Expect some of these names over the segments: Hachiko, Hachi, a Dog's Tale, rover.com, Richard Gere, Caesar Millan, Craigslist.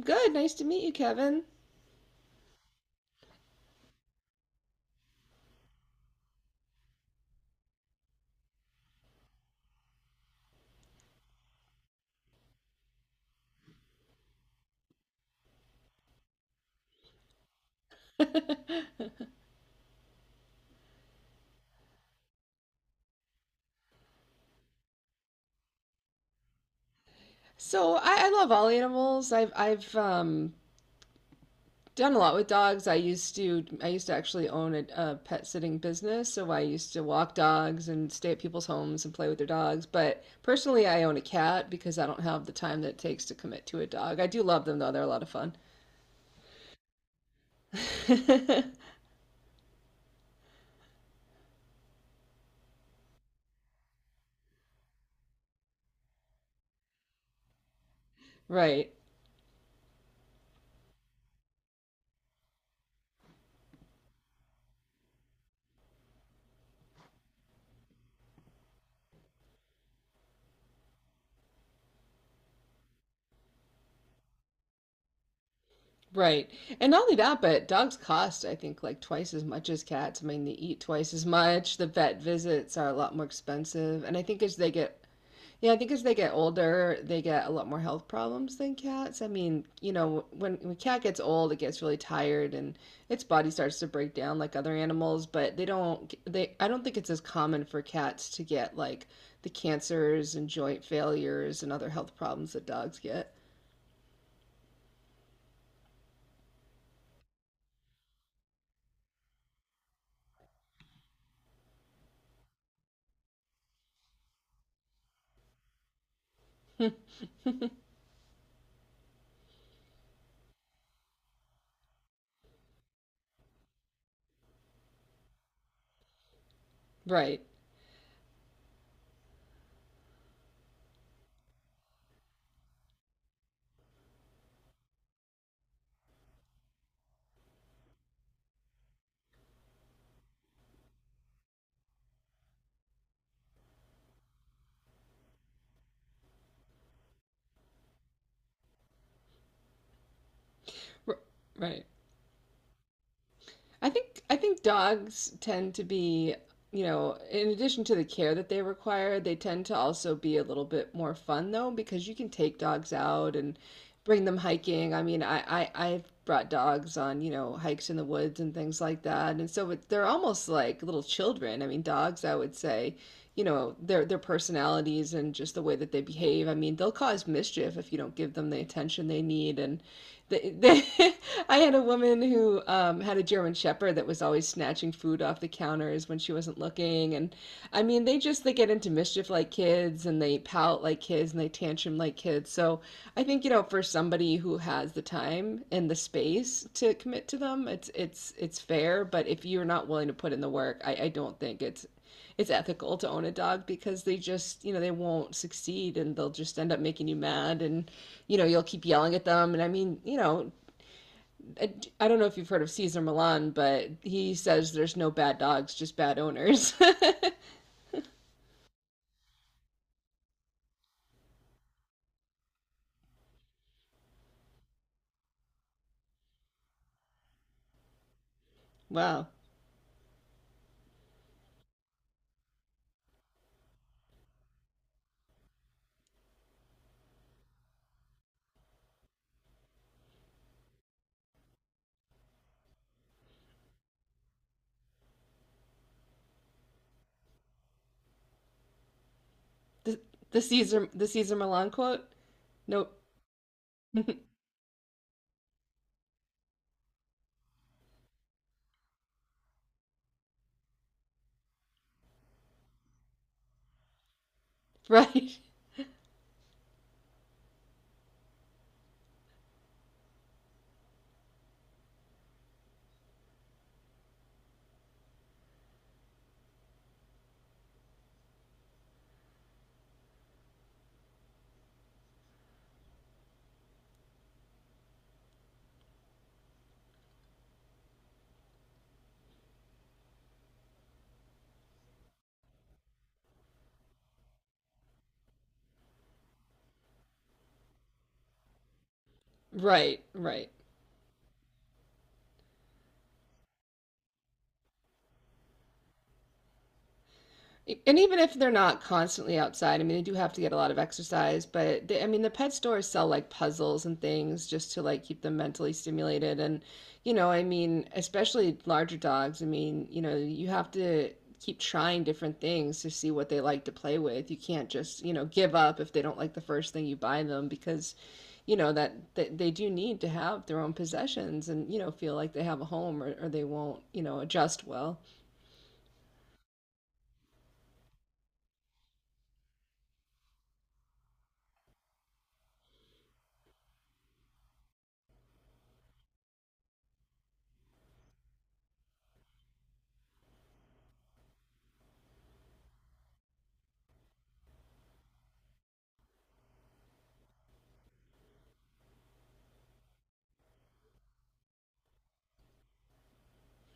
Good. Nice to meet you, Kevin. So I love all animals. I've done a lot with dogs. I used to actually own a pet sitting business, so I used to walk dogs and stay at people's homes and play with their dogs. But personally, I own a cat because I don't have the time that it takes to commit to a dog. I do love them though; they're a lot of fun. Right. Right. And not only that, but dogs cost, I think, like twice as much as cats. I mean, they eat twice as much. The vet visits are a lot more expensive. And I think as they get, Yeah, I think as they get older, they get a lot more health problems than cats. I mean, you know, when a cat gets old, it gets really tired and its body starts to break down like other animals, but they don't, I don't think it's as common for cats to get like the cancers and joint failures and other health problems that dogs get. Right. R- Right. I think dogs tend to be, you know, in addition to the care that they require, they tend to also be a little bit more fun though, because you can take dogs out and bring them hiking. I mean, I've brought dogs on, you know, hikes in the woods and things like that, and so it, they're almost like little children. I mean, dogs, I would say, you know, their personalities and just the way that they behave. I mean, they'll cause mischief if you don't give them the attention they need and they, they, I had a woman who had a German Shepherd that was always snatching food off the counters when she wasn't looking, and I mean, they just they get into mischief like kids, and they pout like kids, and they tantrum like kids. So I think, you know, for somebody who has the time and the space to commit to them, it's fair. But if you're not willing to put in the work, I don't think it's ethical to own a dog because they just, you know, they won't succeed and they'll just end up making you mad and, you know, you'll keep yelling at them. And I mean, you know, I, I don't know if you've heard of Caesar Milan, but he says there's no bad dogs, just bad owners. Wow. The, the Caesar Milan quote? Nope. Right. Right, right. And even if they're not constantly outside, I mean, they do have to get a lot of exercise, but they, I mean, the pet stores sell like puzzles and things just to like keep them mentally stimulated. And, you know, I mean, especially larger dogs, I mean, you know, you have to keep trying different things to see what they like to play with. You can't just, you know, give up if they don't like the first thing you buy them because, you know, that they do need to have their own possessions and, you know, feel like they have a home, or they won't, you know, adjust well.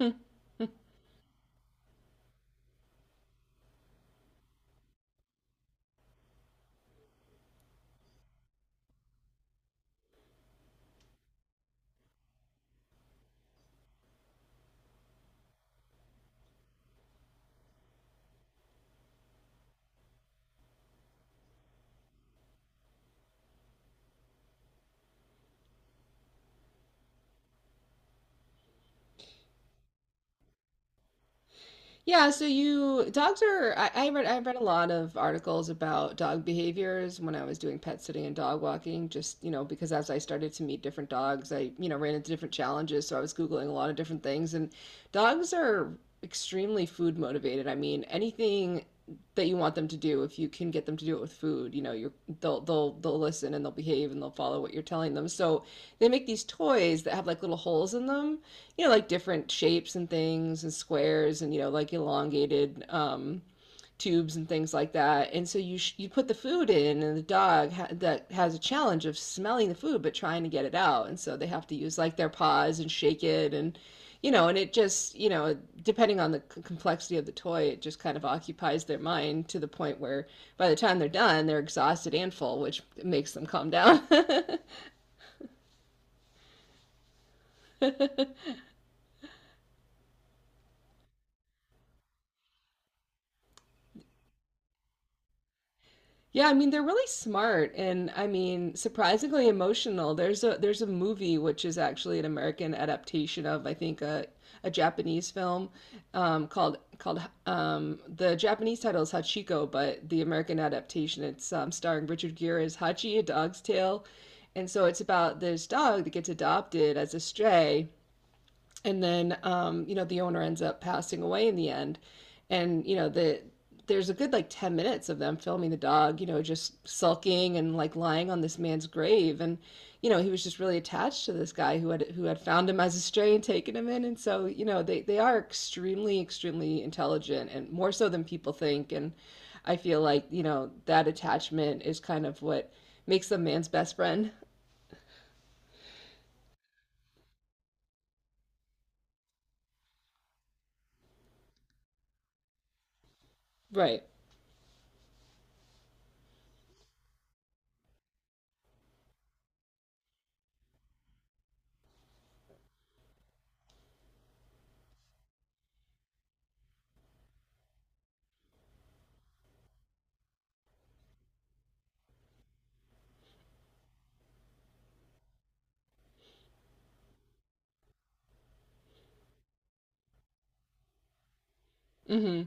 Yeah, so you dogs are I read a lot of articles about dog behaviors when I was doing pet sitting and dog walking, just, you know, because as I started to meet different dogs, I, you know, ran into different challenges, so I was Googling a lot of different things and dogs are extremely food motivated. I mean, anything that you want them to do, if you can get them to do it with food, you know, you're they'll listen and they'll behave and they'll follow what you're telling them. So they make these toys that have like little holes in them, you know, like different shapes and things and squares and, you know, like elongated tubes and things like that. And so you put the food in, and the dog ha that has a challenge of smelling the food but trying to get it out. And so they have to use like their paws and shake it and, you know, and it just, you know, depending on the complexity of the toy, it just kind of occupies their mind to the point where by the time they're done, they're exhausted and full, which makes them calm down. Yeah, I mean they're really smart and I mean surprisingly emotional. There's a movie which is actually an American adaptation of I think a Japanese film, called the Japanese title is Hachiko, but the American adaptation, it's starring Richard Gere as Hachi, a Dog's Tale, and so it's about this dog that gets adopted as a stray and then, you know, the owner ends up passing away in the end, and you know, there's a good like 10 minutes of them filming the dog, you know, just sulking and like lying on this man's grave, and you know, he was just really attached to this guy who had found him as a stray and taken him in. And so, you know, they are extremely extremely intelligent and more so than people think. And I feel like, you know, that attachment is kind of what makes them man's best friend. Right. Hmm.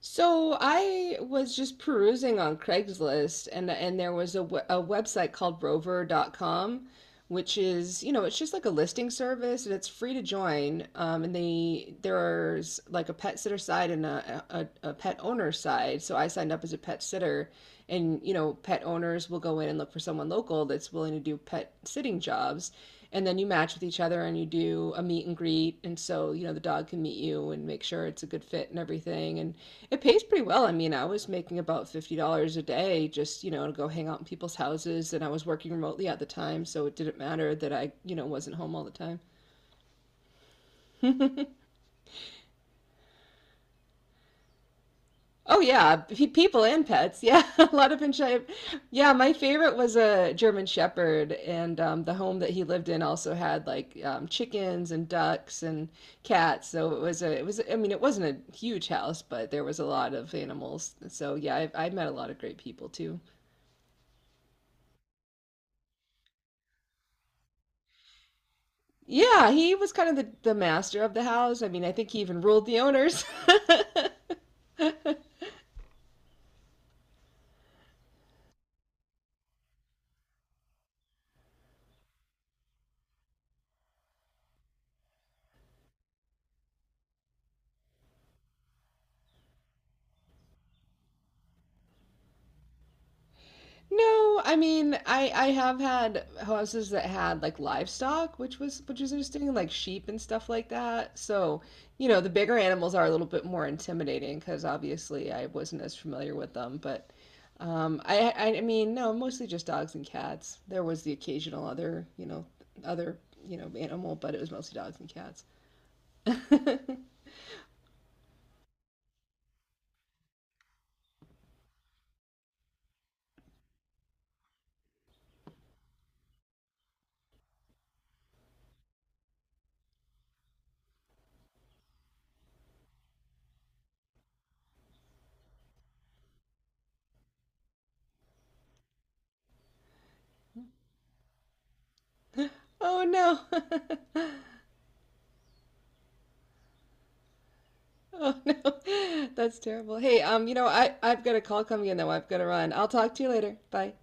So I was just perusing on Craigslist, and there was a website called rover.com, which is, you know, it's just like a listing service and it's free to join. And they there's like a pet sitter side and a pet owner side. So I signed up as a pet sitter and, you know, pet owners will go in and look for someone local that's willing to do pet sitting jobs. And then you match with each other and you do a meet and greet. And so, you know, the dog can meet you and make sure it's a good fit and everything. And it pays pretty well. I mean, I was making about $50 a day, just, you know, to go hang out in people's houses, and I was working remotely at the time, so it didn't matter that I, you know, wasn't home all the time. Oh yeah, people and pets. Yeah, a lot of Pinchai. Yeah, my favorite was a German Shepherd, and the home that he lived in also had like chickens and ducks and cats. So it was a, it was. I mean, it wasn't a huge house, but there was a lot of animals. So yeah, I met a lot of great people too. Yeah, he was kind of the master of the house. I mean, I think he even ruled the owners. No, I mean, I have had houses that had like livestock, which was interesting, like sheep and stuff like that. So, you know, the bigger animals are a little bit more intimidating because obviously I wasn't as familiar with them. But I mean, no, mostly just dogs and cats. There was the occasional other, you know, animal, but it was mostly dogs and cats. Oh no. Oh no, that's terrible. Hey, you know, I've got a call coming in though. I've got to run. I'll talk to you later. Bye.